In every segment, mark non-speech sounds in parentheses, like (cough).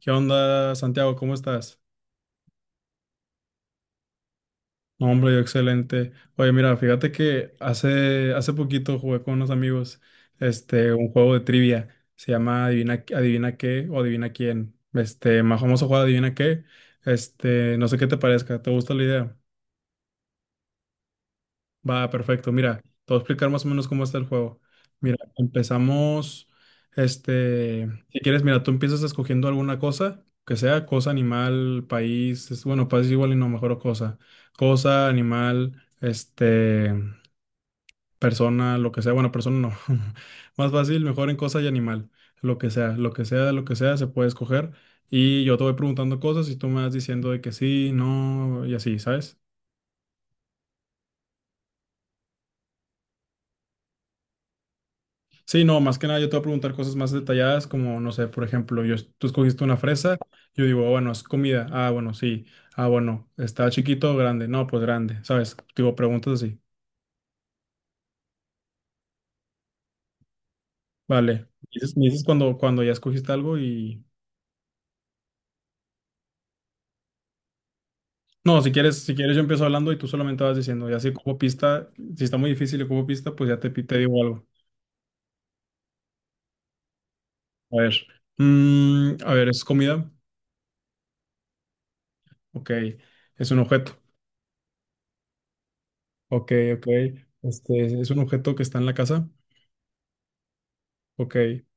¿Qué onda, Santiago? ¿Cómo estás? No, hombre, yo excelente. Oye, mira, fíjate que hace poquito jugué con unos amigos un juego de trivia. Se llama Adivina, Adivina qué o Adivina quién. Más famoso juego Adivina qué. No sé qué te parezca. ¿Te gusta la idea? Va, perfecto. Mira, te voy a explicar más o menos cómo está el juego. Mira, empezamos, si quieres, mira, tú empiezas escogiendo alguna cosa, que sea cosa, animal, país, bueno, país igual y no, mejor cosa. Cosa, animal, persona, lo que sea, bueno, persona no. (laughs) Más fácil, mejor en cosa y animal, lo que sea, lo que sea, lo que sea, se puede escoger. Y yo te voy preguntando cosas y tú me vas diciendo de que sí, no, y así, ¿sabes? Sí, no, más que nada yo te voy a preguntar cosas más detalladas, como, no sé, por ejemplo, yo, tú escogiste una fresa, yo digo, "Ah, bueno, es comida, ah, bueno, sí, ah, bueno, está chiquito o grande, no, pues grande, ¿sabes?" Digo, preguntas así, vale, me dices cuando ya escogiste algo y... No, si quieres, si quieres yo empiezo hablando y tú solamente vas diciendo, ya si ocupo pista, si está muy difícil y ocupo pista, pues ya te, te digo algo. A ver, mm, a ver, ¿es comida? Ok, es un objeto, ok, ok, ¿es un objeto que está en la casa? Ok,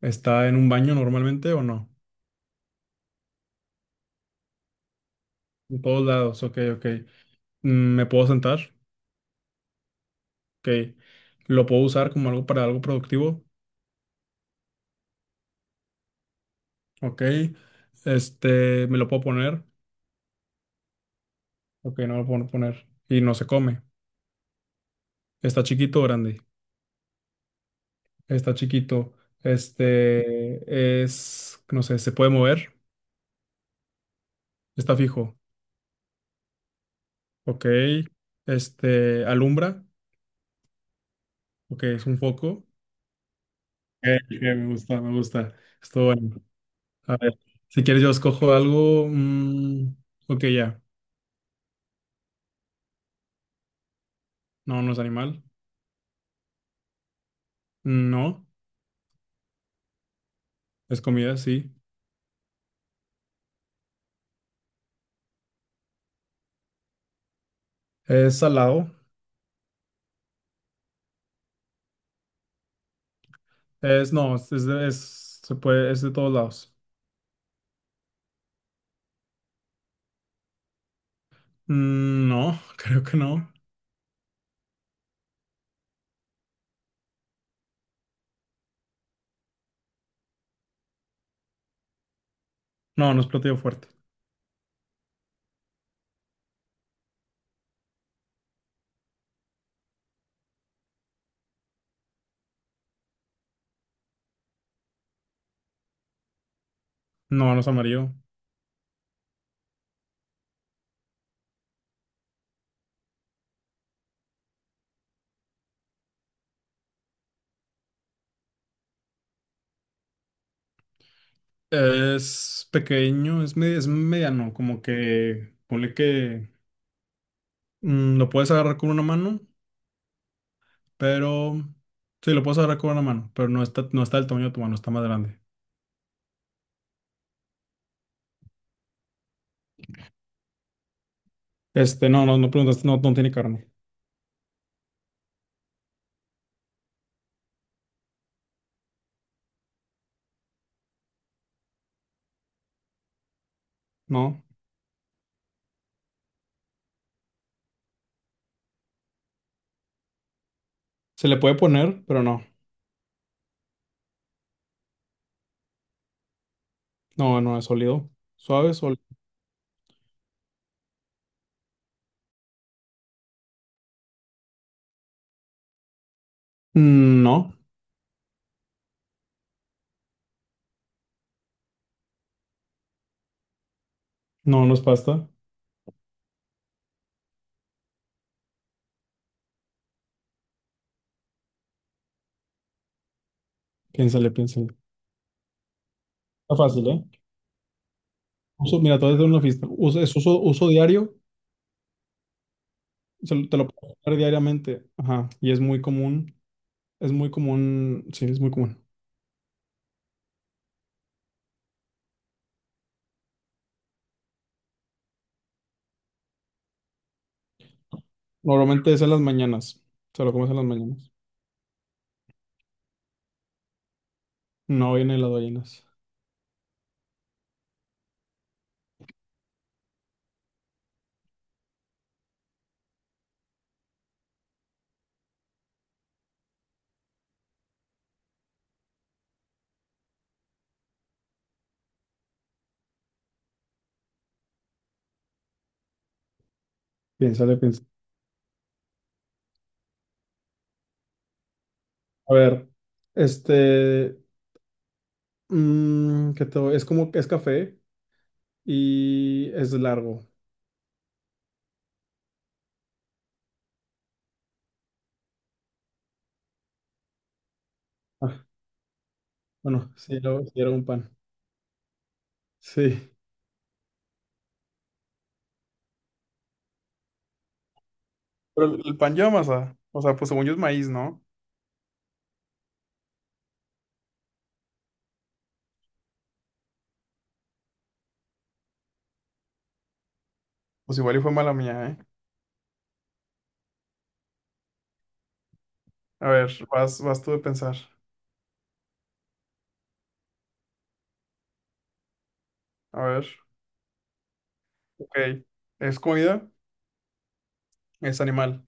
¿está en un baño normalmente o no? En todos lados, ok, ok. Mm, ¿me puedo sentar? Ok. ¿Lo puedo usar como algo para algo productivo? Ok. ¿Me lo puedo poner? Ok, no me lo puedo poner. Y no se come. ¿Está chiquito o grande? Está chiquito. Es, no sé, ¿se puede mover? Está fijo. Ok. ¿Alumbra? Ok, es un foco. Ok, ok, me gusta, me gusta. Estuvo bueno. A ver, si quieres yo escojo algo. Mm, ok, ya. No, no es animal. No, es comida, sí. Es salado. Es, no, es de, es- Se puede, es de todos lados. Mm, no, (laughs) creo que no. No, no es platillo fuerte. No, no es amarillo. Es pequeño, es, me- Es mediano, como que ponle que mm, lo puedes agarrar con una mano, pero sí, lo puedes agarrar con una mano, pero no está del tamaño de tu mano, está más grande. No preguntaste, no, no tiene carne. No, se le puede poner, pero no. No, no es sólido. Suave, sólido. No, no es pasta. Piénsale, piénsale. Está fácil, ¿eh? Uso, mira, todo es de una fiesta. Uso diario. Te lo puedes usar diariamente. Ajá. Y es muy común. Es muy común. Sí, es muy común. Normalmente es en las mañanas. Se lo comes en las mañanas. No viene en las ballenas. Piénsale, piénsale. A ver, este. Mm, es como es café y es largo. Ah, bueno, sí, luego sí era un pan. Sí. Pero el pan lleva masa. O sea, pues según yo es maíz, ¿no? Pues igual y fue mala mía, ¿eh? A ver, vas tú de pensar. A ver, ok. ¿Es comida? ¿Es animal?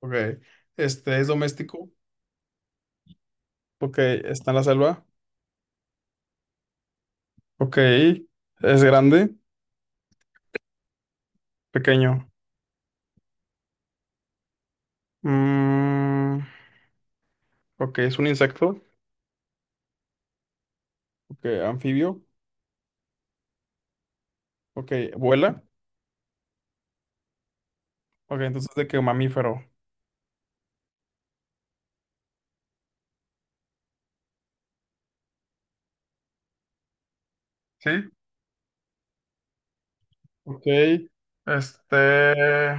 Ok. ¿Es doméstico? Ok. ¿Está en la selva? Ok. ¿Es grande? Pequeño. Mm, ok, ¿es un insecto? Ok, anfibio. Ok, ¿vuela? Ok, entonces de qué mamífero. Sí. Ok. Este...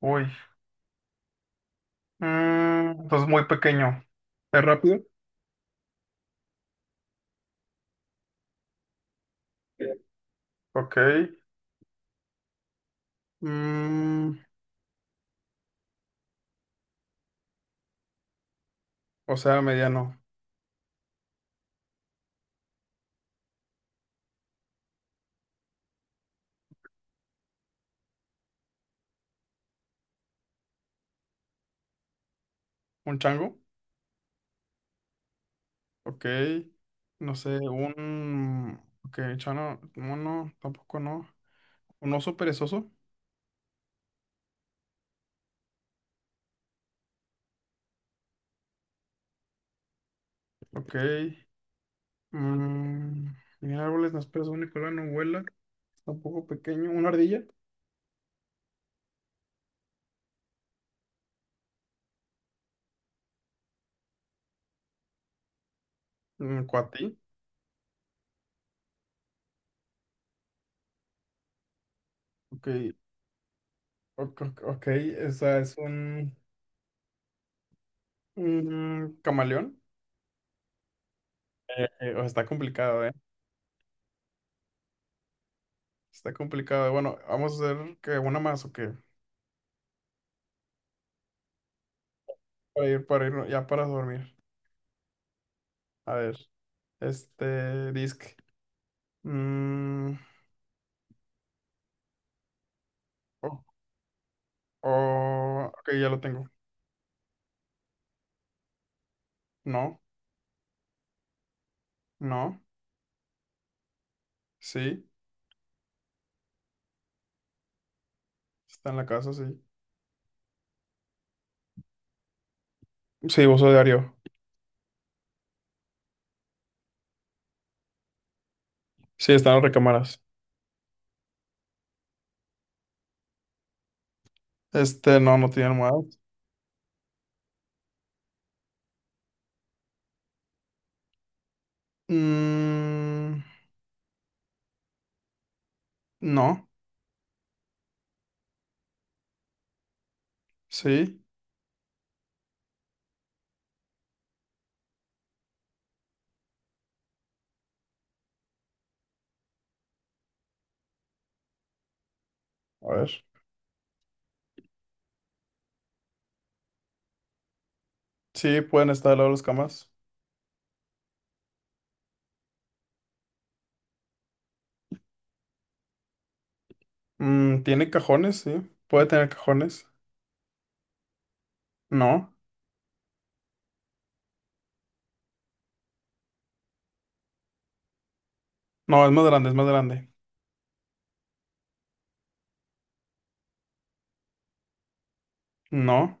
Uy. Mm, entonces muy pequeño. ¿Es rápido? Ok. Mm, o sea, mediano. ¿Un chango? Ok. No sé, un... Ok, chano, mono, tampoco no. ¿Un oso perezoso? Ok. Mm, mira, árboles, no esperas un Nicolás, no vuela. Tampoco pequeño. ¿Una ardilla? Mm, cuatí. Ok. Ok, ok, ok, o sea, es un camaleón. O sea, está complicado, ¿eh? Está complicado. Bueno, vamos a hacer que una más o qué. Ya para dormir. A ver, este, disc. Mm, oh, oh, ok, ya lo tengo. No, no, sí. Está en la casa, sí. Sí, uso diario. Sí, están las recámaras. No, no tiene almohadas. Mm, no, sí. A ver. Sí, pueden estar al lado de las camas. Mm, tiene cajones, sí. Puede tener cajones. No, no, es más grande, es más grande. No.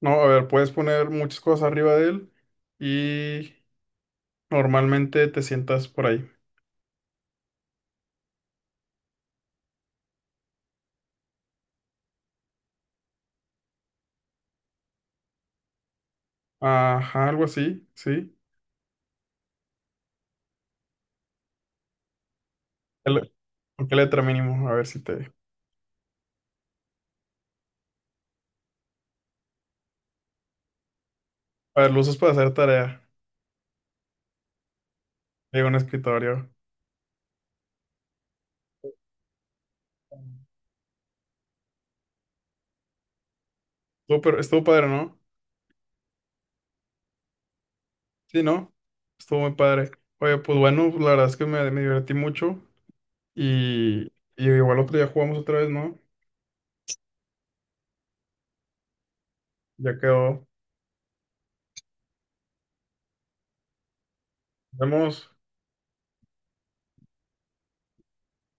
No, a ver, puedes poner muchas cosas arriba de él y normalmente te sientas por ahí. Ajá, algo así, sí. ¿Qué le- ¿Con qué letra mínimo? A ver si te... A ver, lo usas para hacer tarea de un escritorio. Estuvo, estuvo padre, ¿no? Sí, ¿no? Estuvo muy padre. Oye, pues bueno, la verdad es que me divertí mucho y igual otro día jugamos otra vez, ¿no? Ya quedó. Nos vemos.